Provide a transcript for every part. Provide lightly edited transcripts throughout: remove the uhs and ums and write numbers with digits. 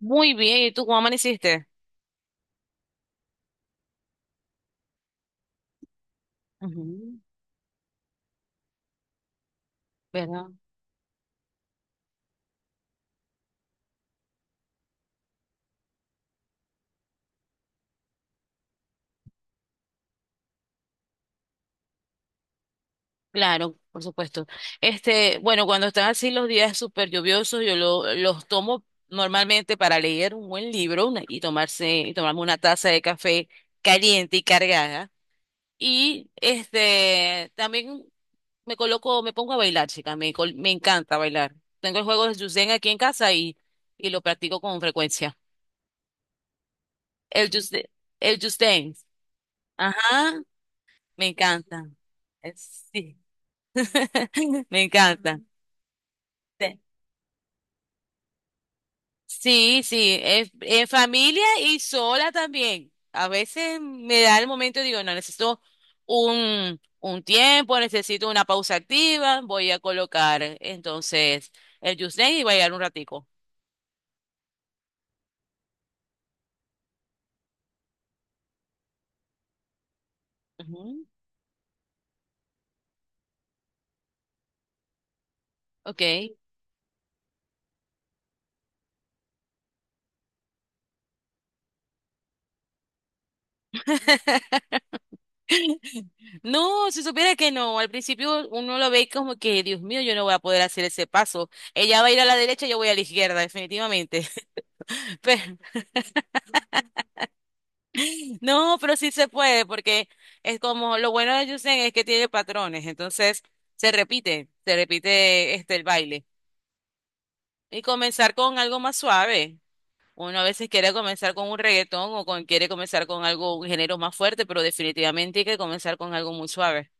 Muy bien, ¿y tú cómo amaneciste? Ujú. ¿Verdad? Claro, por supuesto. Bueno, cuando están así los días súper lluviosos, yo los tomo normalmente para leer un buen libro y tomarme una taza de café caliente y cargada. Y también me pongo a bailar, chica, me encanta bailar. Tengo el juego de Just Dance aquí en casa y lo practico con frecuencia. El Just, el Just Dance. Ajá. Me encanta. Sí, me encanta. Te- Sí, sí, en familia y sola también. A veces me da el momento y digo, no, necesito un tiempo, necesito una pausa activa, voy a colocar entonces el Just y voy a ir un ratico. Ujú. Ok. No, si supiera que no, al principio uno lo ve como que, Dios mío, yo no voy a poder hacer ese paso. Ella va a ir a la derecha, yo voy a la izquierda, definitivamente. Pero- no, pero sí se puede, porque es como lo bueno de Yusen es que tiene patrones, entonces se repite el baile. Y comenzar con algo más suave. Uno a veces quiere comenzar con un reggaetón quiere comenzar con algo, un género más fuerte, pero definitivamente hay que comenzar con algo muy suave.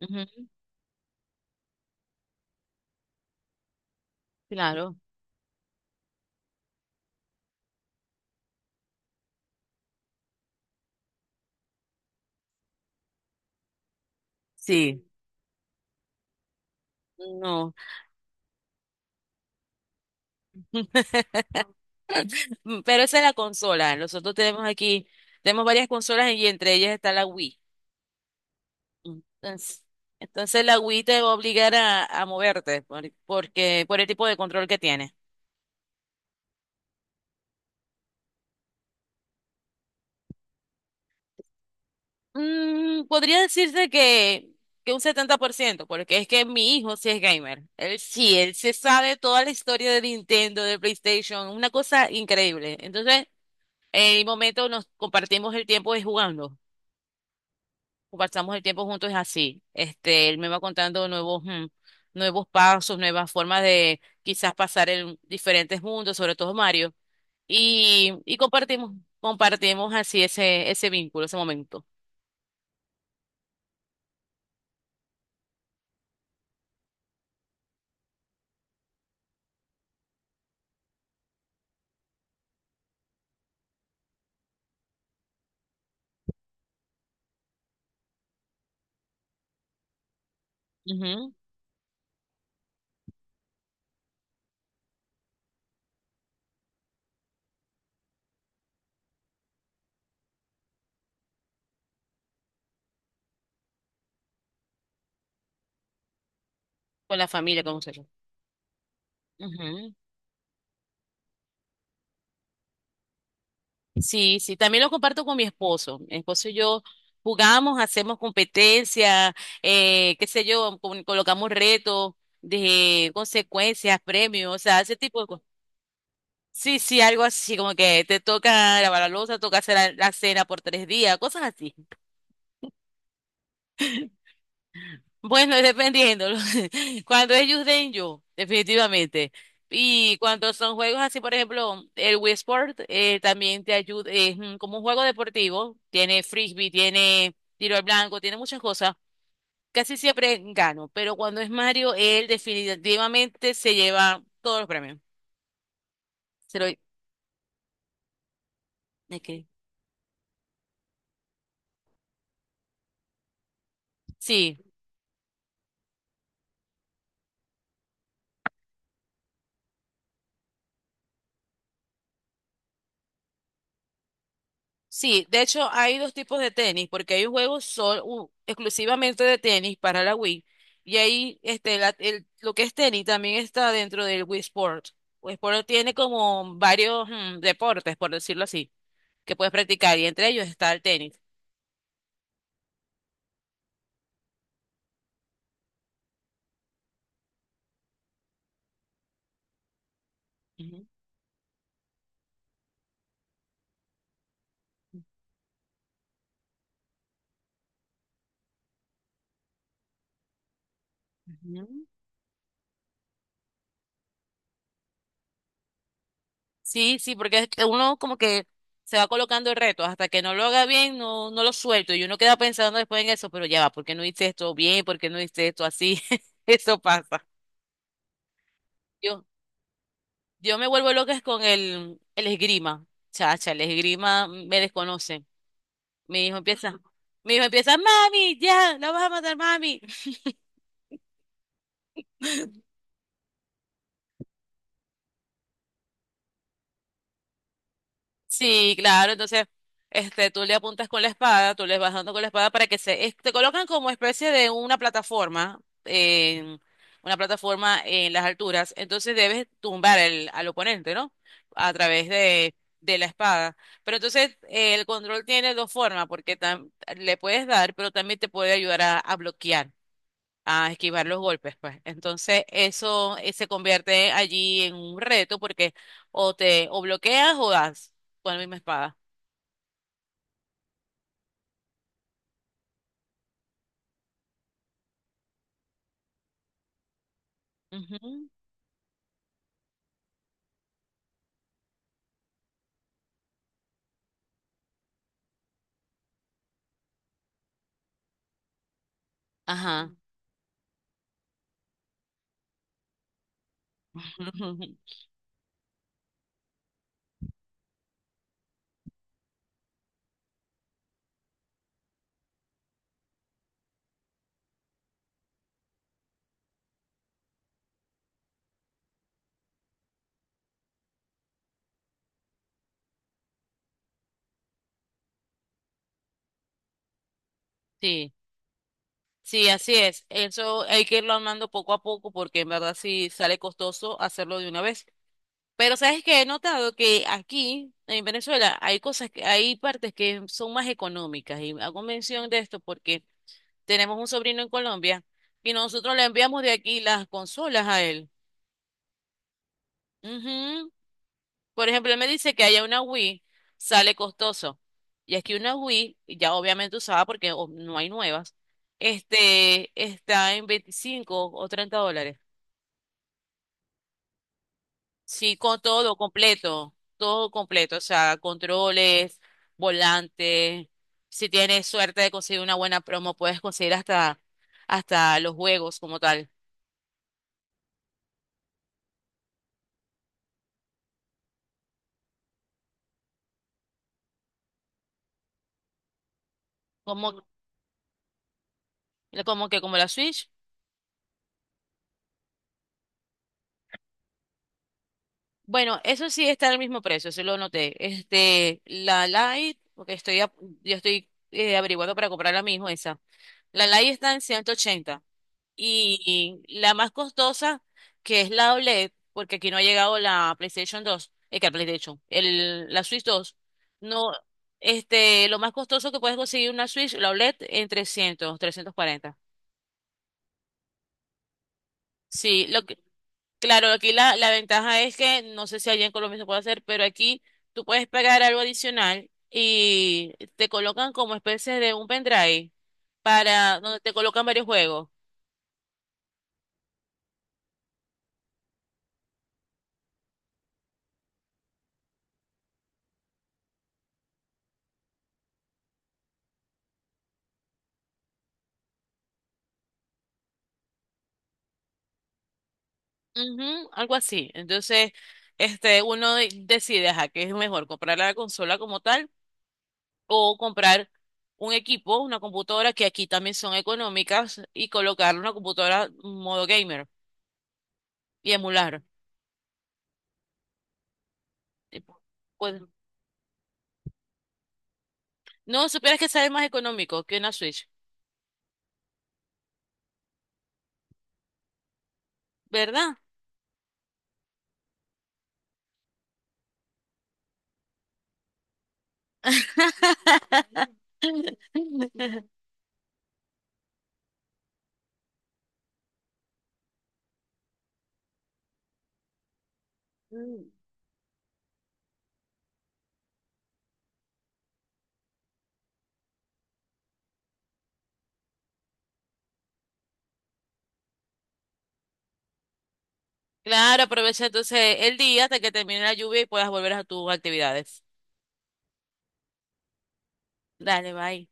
Ujú. Claro. Sí. No. Pero esa es la consola. Nosotros tenemos varias consolas y entre ellas está la Wii. Entonces, entonces, la Wii te va a obligar a moverte porque, por el tipo de control que tiene. Podría decirse que un 70%, porque es que mi hijo sí es gamer. Él sí, él se sabe toda la historia de Nintendo, de PlayStation, una cosa increíble. Entonces, en el momento nos compartimos el tiempo de jugando. Pasamos el tiempo juntos es así. Él me va contando nuevos pasos, nuevas formas de quizás pasar en diferentes mundos, sobre todo Mario, y compartimos así ese vínculo, ese momento. Ujú. Con la familia, con nosotros. Ujú. Sí, sí, también lo comparto con mi esposo. Mi esposo y yo jugamos, hacemos competencia, qué sé yo, colocamos retos de consecuencias, premios, o sea, ese tipo de. Sí, sí, algo así, como que te toca lavar la loza, toca hacer la cena por 3 días, cosas así. Bueno, dependiendo. Cuando es Just, yo, definitivamente. Y cuando son juegos así, por ejemplo, el Wii Sport, también te ayuda, es como un juego deportivo, tiene frisbee, tiene tiro al blanco, tiene muchas cosas. Casi siempre gano, pero cuando es Mario, él definitivamente se lleva todos los premios. ¿De qué? Sí. Sí, de hecho hay dos tipos de tenis, porque hay juegos exclusivamente de tenis para la Wii, y ahí lo que es tenis también está dentro del Wii Sport. Wii Sport tiene como varios deportes, por decirlo así, que puedes practicar, y entre ellos está el tenis. Ujú, ujú. Sí, sí, porque es que uno como que se va colocando el reto, hasta que no lo haga bien, no, no lo suelto, y uno queda pensando después en eso, pero ya va, ¿por qué no hice esto bien? ¿Por qué no hice esto así? Eso pasa. Yo, Yo, me vuelvo loca con el esgrima. Chacha, el esgrima me desconoce. Mi hijo empieza, Mi hijo empieza, mami, ya, la vas a matar, mami. Sí, claro, entonces, tú le apuntas con la espada, tú les vas dando con la espada para te colocan como especie de una plataforma, una plataforma en las alturas, entonces debes tumbar al oponente, ¿no? A través de la espada. Pero entonces, el control tiene dos formas, porque le puedes dar, pero también te puede ayudar a bloquear, a esquivar los golpes, pues. Entonces, eso, se convierte allí en un reto porque o bloqueas o das con la misma espada. Ujú. Ajá. Sí, sí, así es. Eso hay que irlo armando poco a poco porque en verdad sí sale costoso hacerlo de una vez. Pero sabes que he notado que aquí en Venezuela hay partes que son más económicas y hago mención de esto porque tenemos un sobrino en Colombia y nosotros le enviamos de aquí las consolas a él. Ujú. Por ejemplo, él me dice que haya una Wii, sale costoso. Y es que una Wii, ya obviamente usada porque no hay nuevas, está en 25 o $30. Sí, con todo completo, o sea, controles, volante. Si tienes suerte de conseguir una buena promo, puedes conseguir hasta los juegos como tal. Como, Como que como la Switch. Bueno, eso sí está al mismo precio, eso lo noté. La Light, porque yo estoy averiguando para comprar la misma esa. La Light está en 180 y la más costosa, que es la OLED, porque aquí no ha llegado la PlayStation 2, que la PlayStation, el, la Switch 2, no, lo más costoso que puedes conseguir una Switch, la OLED, en 300, 340. Sí, lo que... Claro, aquí la ventaja es que no sé si allá en Colombia se puede hacer, pero aquí tú puedes pagar algo adicional y te colocan como especie de un pendrive para donde te colocan varios juegos. Ujú, algo así. Entonces, uno decide, ajá, qué es mejor, comprar la consola como tal o comprar un equipo, una computadora que aquí también son económicas y colocar una computadora modo gamer y emular. Y, Pues, no, supieras que sale más económico que una Switch. ¿Verdad? Claro, aprovecha entonces el día hasta que termine la lluvia y puedas volver a tus actividades. Dale, bye.